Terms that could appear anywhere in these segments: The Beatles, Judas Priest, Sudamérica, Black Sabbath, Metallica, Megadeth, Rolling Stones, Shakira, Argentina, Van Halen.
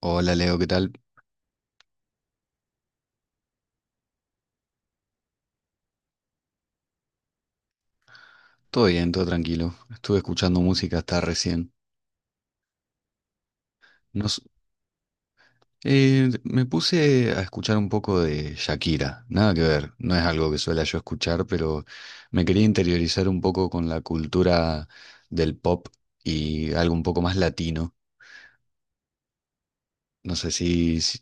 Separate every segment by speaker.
Speaker 1: Hola Leo, ¿qué tal? Todo bien, todo tranquilo. Estuve escuchando música hasta recién. Nos, Me puse a escuchar un poco de Shakira. Nada que ver, no es algo que suela yo escuchar, pero me quería interiorizar un poco con la cultura del pop y algo un poco más latino. No sé.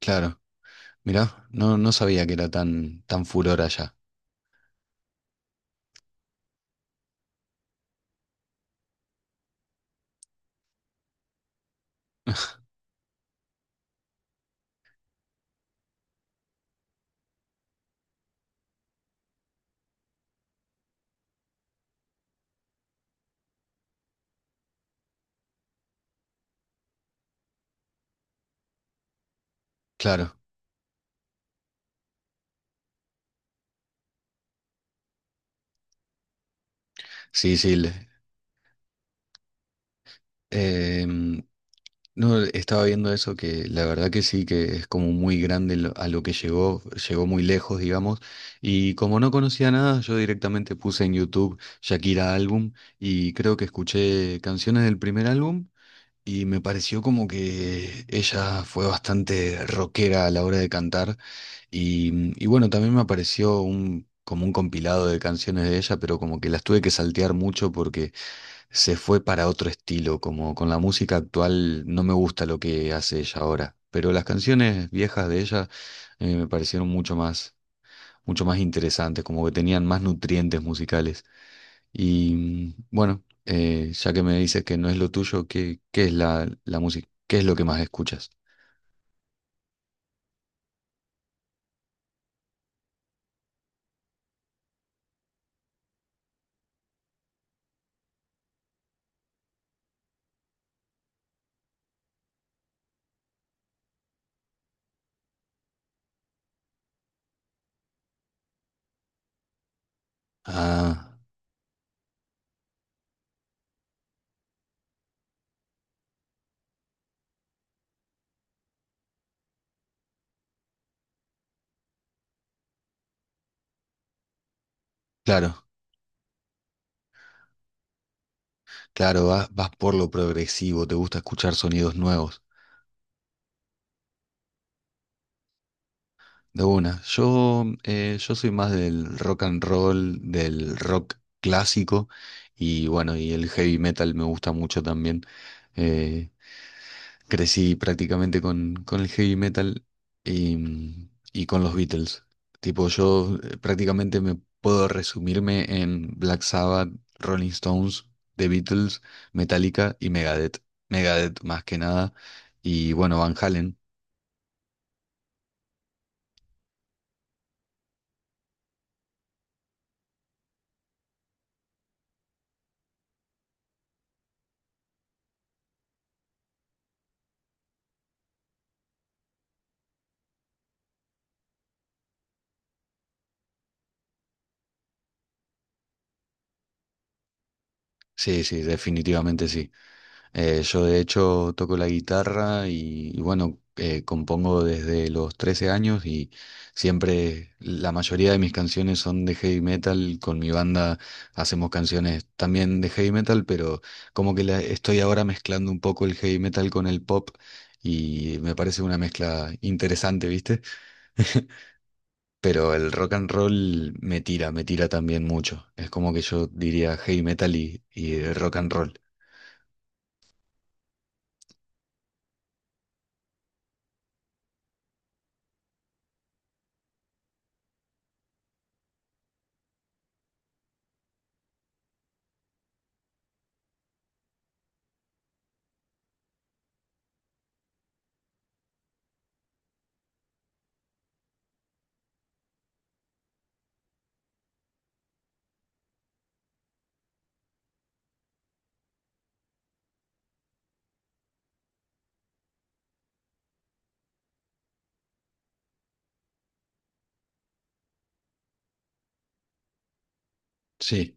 Speaker 1: Claro, mirá, no sabía que era tan furor allá. Claro, sí, sí. Em, No, estaba viendo eso que la verdad que sí, que es como muy grande a lo que llegó, llegó muy lejos, digamos. Y como no conocía nada, yo directamente puse en YouTube Shakira álbum y creo que escuché canciones del primer álbum y me pareció como que ella fue bastante rockera a la hora de cantar. Y bueno, también me apareció como un compilado de canciones de ella, pero como que las tuve que saltear mucho porque se fue para otro estilo, como con la música actual no me gusta lo que hace ella ahora, pero las canciones viejas de ella me parecieron mucho más interesantes, como que tenían más nutrientes musicales. Y bueno, ya que me dices que no es lo tuyo, ¿qué es la música? ¿Qué es lo que más escuchas? Ah, claro, claro, vas por lo progresivo, te gusta escuchar sonidos nuevos. De una. Yo soy más del rock and roll, del rock clásico y bueno, y el heavy metal me gusta mucho también. Eh, Crecí prácticamente con el heavy metal y con los Beatles. Tipo, yo prácticamente me puedo resumirme en Black Sabbath, Rolling Stones, The Beatles, Metallica y Megadeth. Megadeth más que nada. Y bueno, Van Halen. Sí, sí, definitivamente sí. Yo de hecho toco la guitarra y bueno, compongo desde los 13 años y siempre la mayoría de mis canciones son de heavy metal. Con mi banda hacemos canciones también de heavy metal, pero como que estoy ahora mezclando un poco el heavy metal con el pop y me parece una mezcla interesante, ¿viste? Pero el rock and roll me tira también mucho. Es como que yo diría heavy metal y rock and roll. Sí.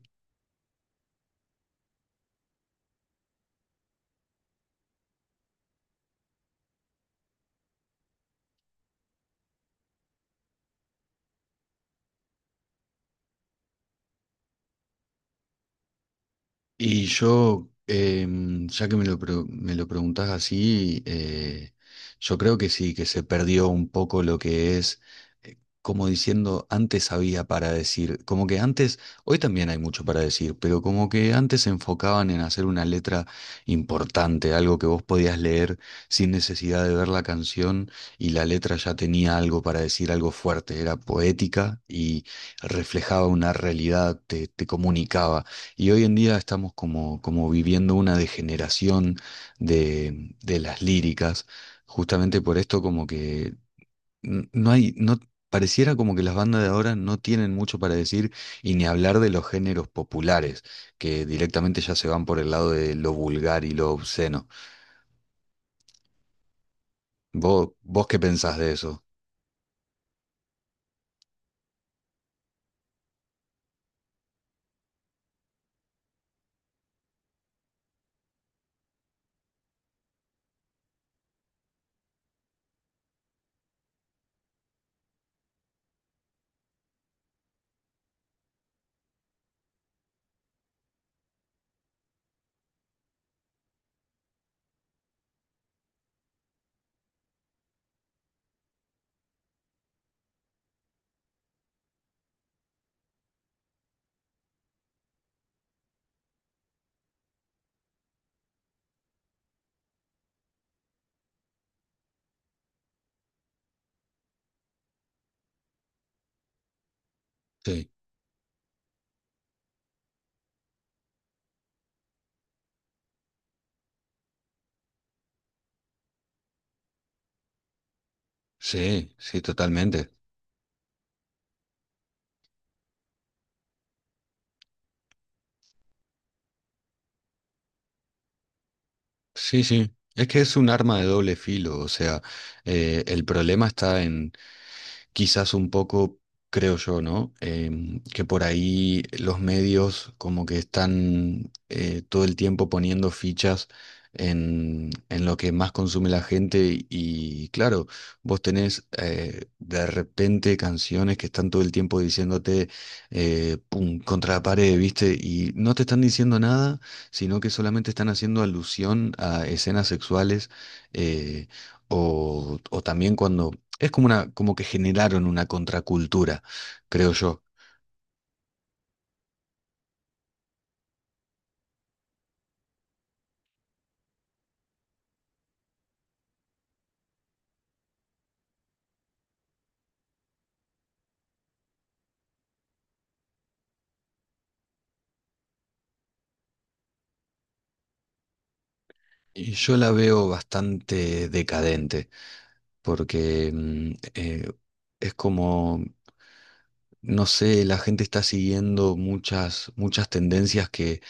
Speaker 1: Y yo, ya que me lo preguntás así, yo creo que sí, que se perdió un poco lo que es, como diciendo, antes había para decir, como que antes, hoy también hay mucho para decir, pero como que antes se enfocaban en hacer una letra importante, algo que vos podías leer sin necesidad de ver la canción, y la letra ya tenía algo para decir, algo fuerte, era poética y reflejaba una realidad, te comunicaba. Y hoy en día estamos como viviendo una degeneración de las líricas, justamente por esto, como que no hay, no, pareciera como que las bandas de ahora no tienen mucho para decir, y ni hablar de los géneros populares, que directamente ya se van por el lado de lo vulgar y lo obsceno. ¿Vos qué pensás de eso? Sí, sí, sí, totalmente. Sí, sí. Es que es un arma de doble filo, o sea, el problema está en quizás un poco, creo yo, ¿no? Que por ahí los medios como que están todo el tiempo poniendo fichas en lo que más consume la gente, y claro, vos tenés de repente canciones que están todo el tiempo diciéndote pum, contra la pared, ¿viste? Y no te están diciendo nada, sino que solamente están haciendo alusión a escenas sexuales. eh, o, o, también, cuando es como como que generaron una contracultura, creo yo. Y yo la veo bastante decadente, porque es como, no sé, la gente está siguiendo muchas, muchas tendencias que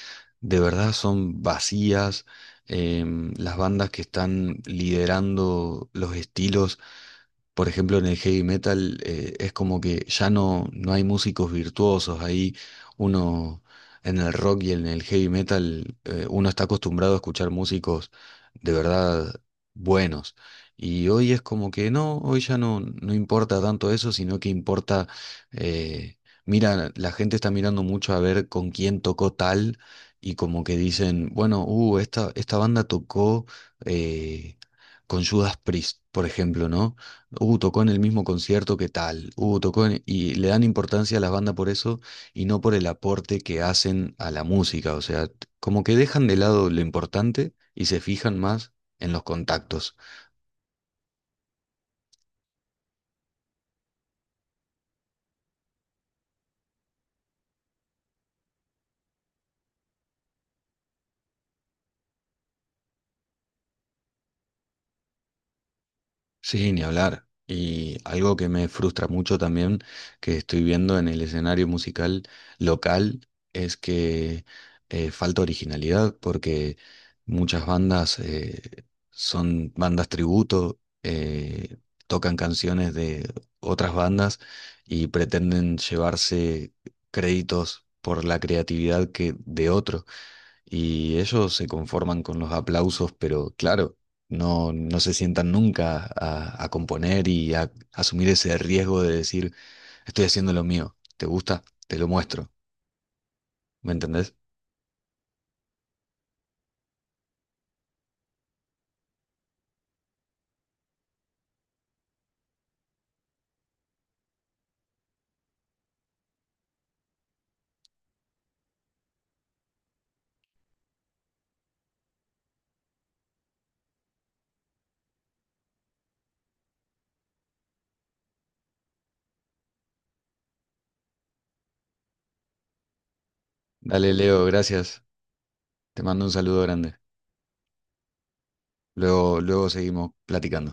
Speaker 1: de verdad son vacías. Las bandas que están liderando los estilos, por ejemplo, en el heavy metal, es como que ya no hay músicos virtuosos. Ahí uno, en el rock y en el heavy metal, uno está acostumbrado a escuchar músicos de verdad buenos. Y hoy es como que no, hoy ya no importa tanto eso, sino que importa, eh, mira, la gente está mirando mucho a ver con quién tocó tal, y como que dicen, bueno, esta banda tocó eh, con Judas Priest, por ejemplo, ¿no? Tocó en el mismo concierto que tal. Tocó en... Y le dan importancia a las bandas por eso y no por el aporte que hacen a la música. O sea, como que dejan de lado lo importante y se fijan más en los contactos. Sí, ni hablar. Y algo que me frustra mucho también, que estoy viendo en el escenario musical local, es que falta originalidad, porque muchas bandas son bandas tributo, tocan canciones de otras bandas y pretenden llevarse créditos por la creatividad que de otros. Y ellos se conforman con los aplausos, pero claro, no se sientan nunca a componer y a asumir ese riesgo de decir: estoy haciendo lo mío, ¿te gusta? Te lo muestro, ¿me entendés? Dale, Leo, gracias. Te mando un saludo grande. Luego, luego seguimos platicando.